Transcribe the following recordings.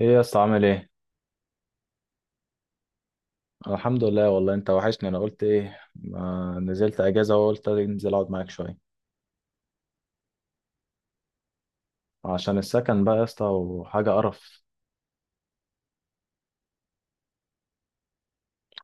ايه يا اسطى، عامل ايه؟ الحمد لله والله، انت وحشني. انا قلت ايه ما نزلت اجازه وقلت انزل اقعد معاك شويه. عشان السكن بقى يا اسطى، وحاجه قرف.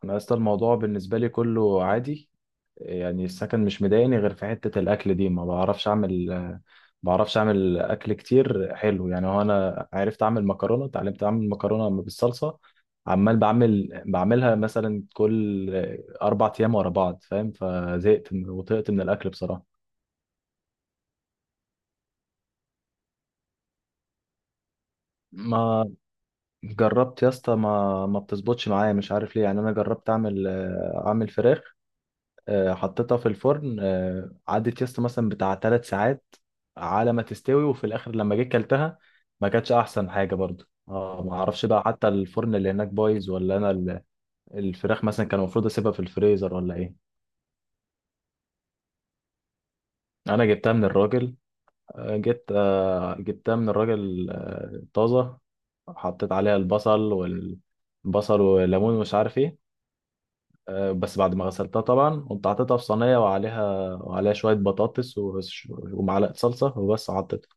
انا يا اسطى الموضوع بالنسبه لي كله عادي. يعني السكن مش مضايقني غير في حته الاكل دي، ما بعرفش اعمل اكل كتير حلو. يعني هو انا عرفت اعمل مكرونه، اتعلمت اعمل مكرونه بالصلصه. عمال بعملها مثلا كل 4 ايام ورا بعض، فاهم؟ فزهقت وطقت من الاكل بصراحه. ما جربت يا اسطى، ما بتظبطش معايا، مش عارف ليه. يعني انا جربت اعمل فراخ. حطيتها في الفرن. عدت يا اسطى مثلا بتاع 3 ساعات على ما تستوي، وفي الاخر لما جيت كلتها ما كانتش احسن حاجه برضو. اه، ما اعرفش بقى، حتى الفرن اللي هناك بايظ، ولا انا الفراخ مثلا كان المفروض اسيبها في الفريزر ولا ايه؟ انا جبتها من الراجل. جبتها من الراجل طازه. حطيت عليها البصل والليمون ومش عارف ايه. بس بعد ما غسلتها طبعا قمت حاططها في صينية، وعليها شوية بطاطس ومعلقة صلصة، وبس حطيتها.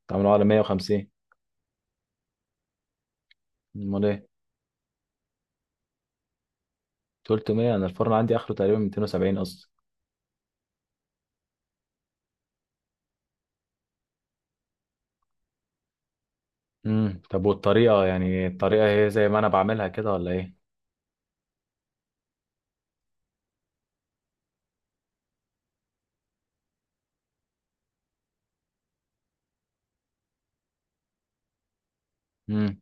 كنت عاملها على 150. امال ايه؟ 300؟ انا الفرن عندي اخره تقريبا 270 اصلا. طب والطريقة، يعني الطريقة هي زي ما انا بعملها كده ولا ايه؟ امم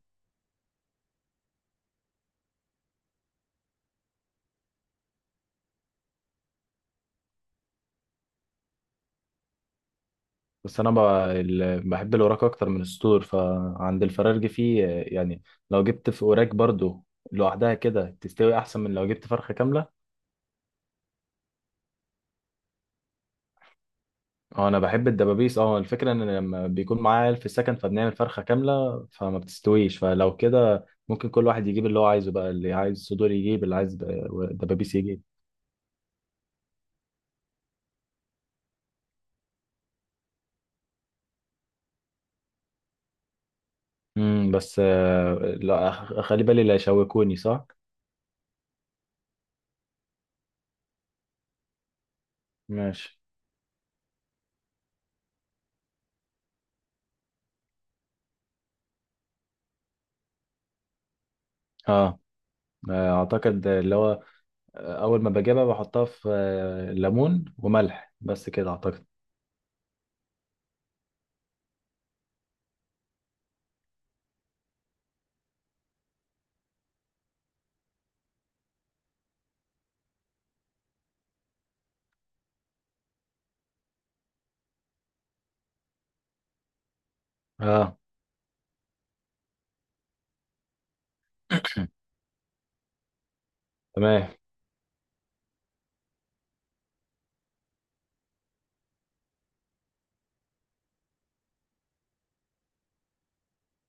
بس انا بحب الوراك اكتر من الصدور. فعند الفرارجي فيه يعني لو جبت في وراك برضو لوحدها كده تستوي احسن من لو جبت فرخة كاملة. اه، انا بحب الدبابيس. اه، الفكره ان لما بيكون معايا عيال في السكن فبنعمل فرخه كامله فما بتستويش، فلو كده ممكن كل واحد يجيب اللي هو عايزه بقى، اللي عايز صدور يجيب، اللي عايز دبابيس يجيب. بس لا، خلي بالي لا يشوكوني، صح؟ ماشي. اه، اعتقد اللي هو اول ما بجيبها بحطها في ليمون وملح، بس كده اعتقد. اه. تمام.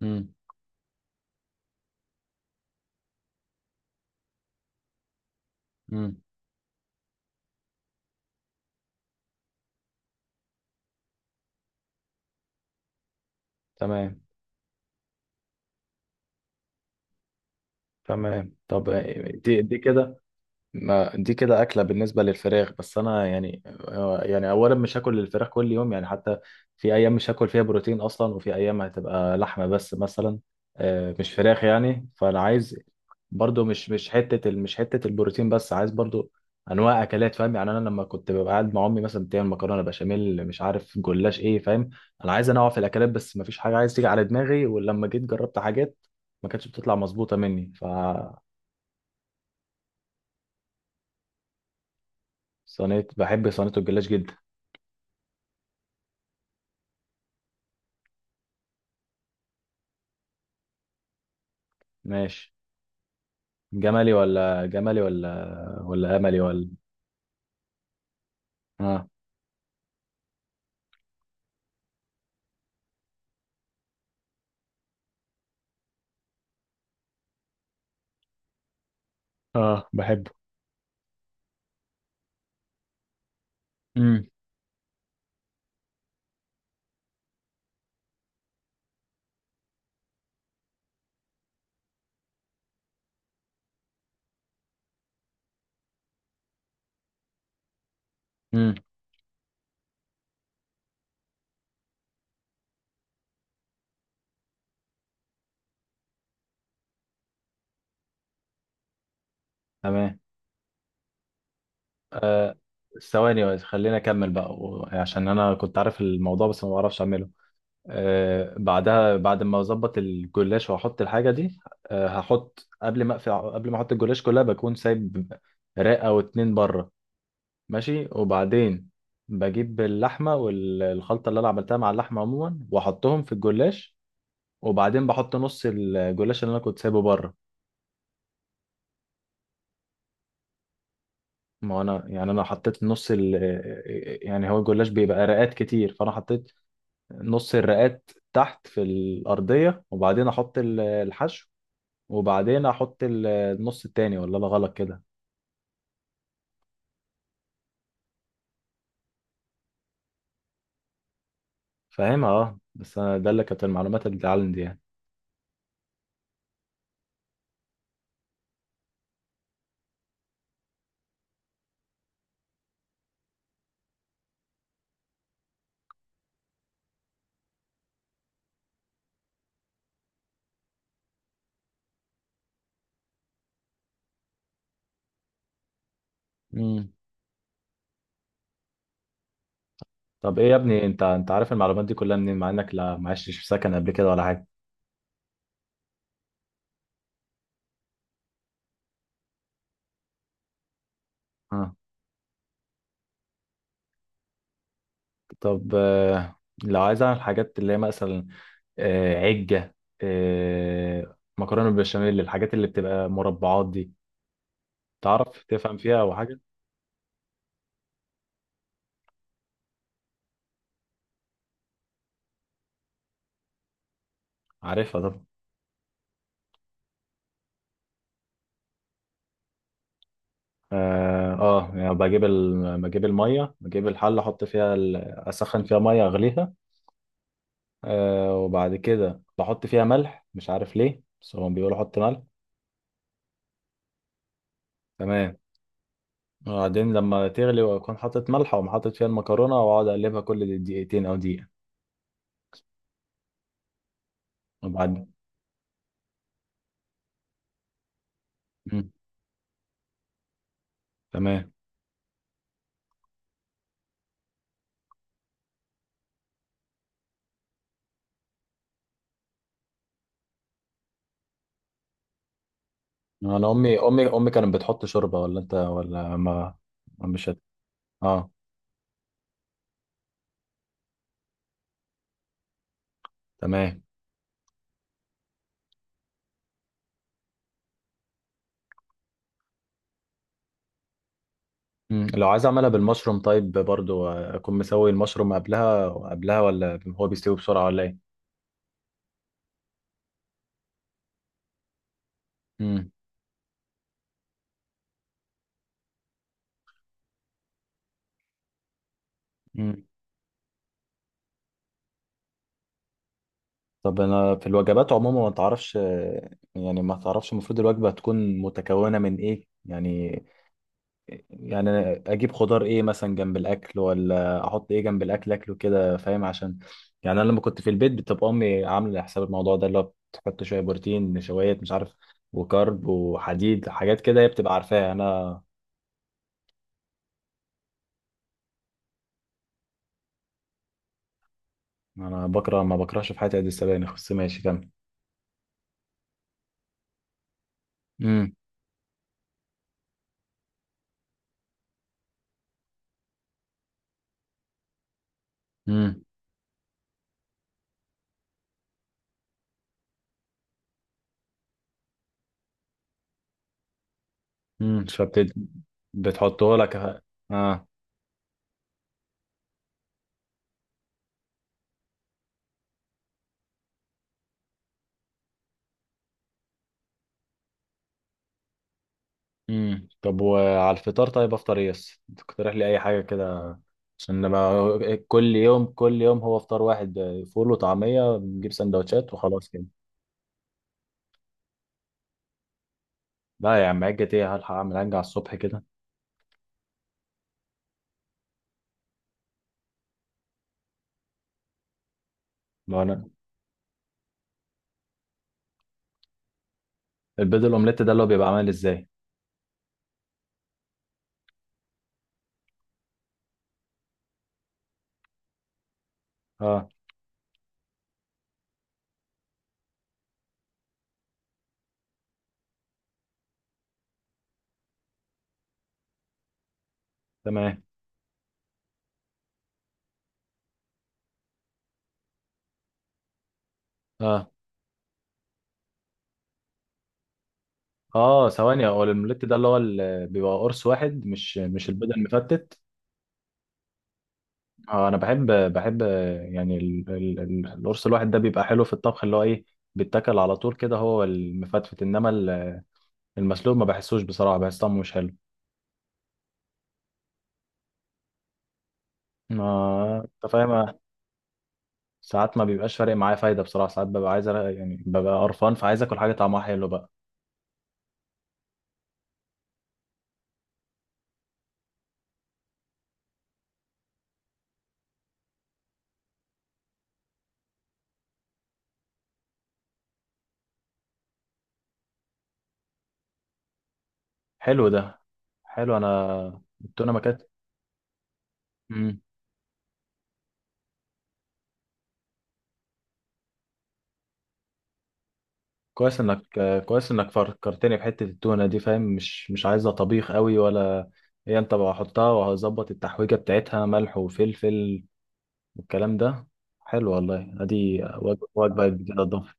امم امم. تمام. تمام. طب، دي كده؟ ما دي كده أكلة بالنسبة للفراخ، بس أنا يعني يعني أولا مش هاكل الفراخ كل يوم، يعني حتى في أيام مش هاكل فيها بروتين أصلا، وفي أيام هتبقى لحمة بس مثلا، مش فراخ يعني. فأنا عايز برضو، مش حتة البروتين بس، عايز برضو أنواع أكلات. فاهم يعني؟ أنا لما كنت ببقى قاعد مع أمي مثلا بتعمل مكرونة بشاميل، مش عارف جلاش إيه، فاهم؟ أنا عايز أنوع في الأكلات بس مفيش حاجة عايز تيجي على دماغي، ولما جيت جربت حاجات ما كانتش بتطلع مظبوطة مني. صينية، بحب صينية الجلاش جدا. ماشي. جملي ولا جملي ولا املي ولا؟ اه، اه، بحبه. امم امم. تمام. آه ثواني بس، خليني اكمل بقى، عشان انا كنت عارف الموضوع بس ما بعرفش اعمله. بعدها، بعد ما اظبط الجلاش واحط الحاجه دي، هحط، قبل ما احط الجلاش كلها بكون سايب رقه او اتنين بره. ماشي. وبعدين بجيب اللحمه والخلطه اللي انا عملتها مع اللحمه عموما واحطهم في الجلاش، وبعدين بحط نص الجلاش اللي انا كنت سايبه بره. ما هو انا يعني، حطيت نص يعني هو الجلاش بيبقى رقات كتير، فانا حطيت نص الرقات تحت في الارضيه، وبعدين احط الحشو، وبعدين احط النص التاني. ولا انا غلط كده؟ فاهمها، اه، بس أنا ده اللي كانت المعلومات اللي عندي يعني. امم طب ايه يا ابني، انت عارف المعلومات دي كلها منين، مع انك لا ما عشتش في سكن قبل كده ولا حاجه؟ اه. طب، لو عايز اعمل حاجات اللي هي مثلا عجة، مكرونة بالبشاميل، الحاجات اللي بتبقى مربعات دي، تعرف تفهم فيها أو حاجة؟ عارفها طبعا. اه، يعني بجيب بجيب المية، بجيب الحلة احط فيها اسخن فيها مية اغليها. وبعد كده بحط فيها ملح، مش عارف ليه، بس هم بيقولوا حط ملح. تمام. وبعدين لما تغلي واكون حاطط ملح، واقوم حاطط فيها المكرونة واقعد اقلبها كل دقيقتين او دقيقة. وبعد مم. تمام. انا امي كانت بتحط شوربه، ولا انت ولا ما... ما مش هت... اه. تمام. لو عايز اعملها بالمشروم طيب برضو اكون مسوي المشروم قبلها، ولا هو بيستوي بسرعه ولا ايه؟ مم. مم. طب انا في الوجبات عموما ما تعرفش يعني ما تعرفش المفروض الوجبه تكون متكونه من ايه يعني؟ يعني أنا اجيب خضار ايه مثلا جنب الاكل، ولا احط ايه جنب الاكل اكله كده، فاهم؟ عشان يعني انا لما كنت في البيت بتبقى امي عامله حساب الموضوع ده، اللي هو بتحط شويه بروتين، نشويات، مش عارف، وكارب وحديد، حاجات كده هي بتبقى عارفاها انا. انا بكره، ما بكرهش في حياتي قد السبانخ، بس ماشي كمل. امم امم فبتد بتحطه لك. اه. طب وعلى الفطار، طيب افطر ايه بس؟ تقترح لي اي حاجه كده، عشان لما كل يوم كل يوم هو فطار واحد فول وطعمية، بنجيب سندوتشات وخلاص كده. لا يا عم، عجة ايه؟ هلحق اعمل عجة على الصبح كده؟ ما انا البيض الاومليت ده اللي هو بيبقى عامل ازاي؟ اه. تمام. اه، اه، ثواني، هو الاومليت ده اللي هو اللي بيبقى قرص واحد، مش البيض المفتت؟ اه، انا بحب يعني القرص الواحد ده بيبقى حلو في الطبخ، اللي هو ايه، بيتاكل على طول كده، هو المفتفت. انما المسلوق ما بحسوش، بصراحة بحس طعمه مش حلو. انت فاهم. ساعات ما بيبقاش فارق معايا فايدة، بصراحة ساعات ببقى عايز يعني ببقى قرفان، فعايز آكل حاجة طعمها حلو بقى. حلو ده. حلو. أنا التونة ما كانت... مم. كويس إنك، كويس إنك فكرتني بحتة التونة دي. فاهم؟ مش عايزة طبيخ قوي ولا، هي أنت بقى حطها، وهظبط التحويجة بتاعتها ملح وفلفل والكلام ده. حلو والله، أدي وجبة، وجبة جديدة أضافها.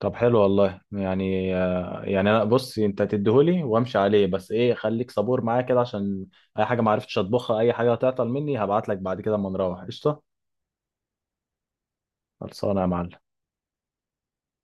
طب حلو والله، يعني يعني انا بص، انت تديهولي وامشي عليه بس، ايه، خليك صبور معايا كده، عشان اي حاجه ما عرفتش اطبخها، اي حاجه هتعطل مني، هبعت لك بعد كده، اما نروح، قشطه. خلصانه يا معلم.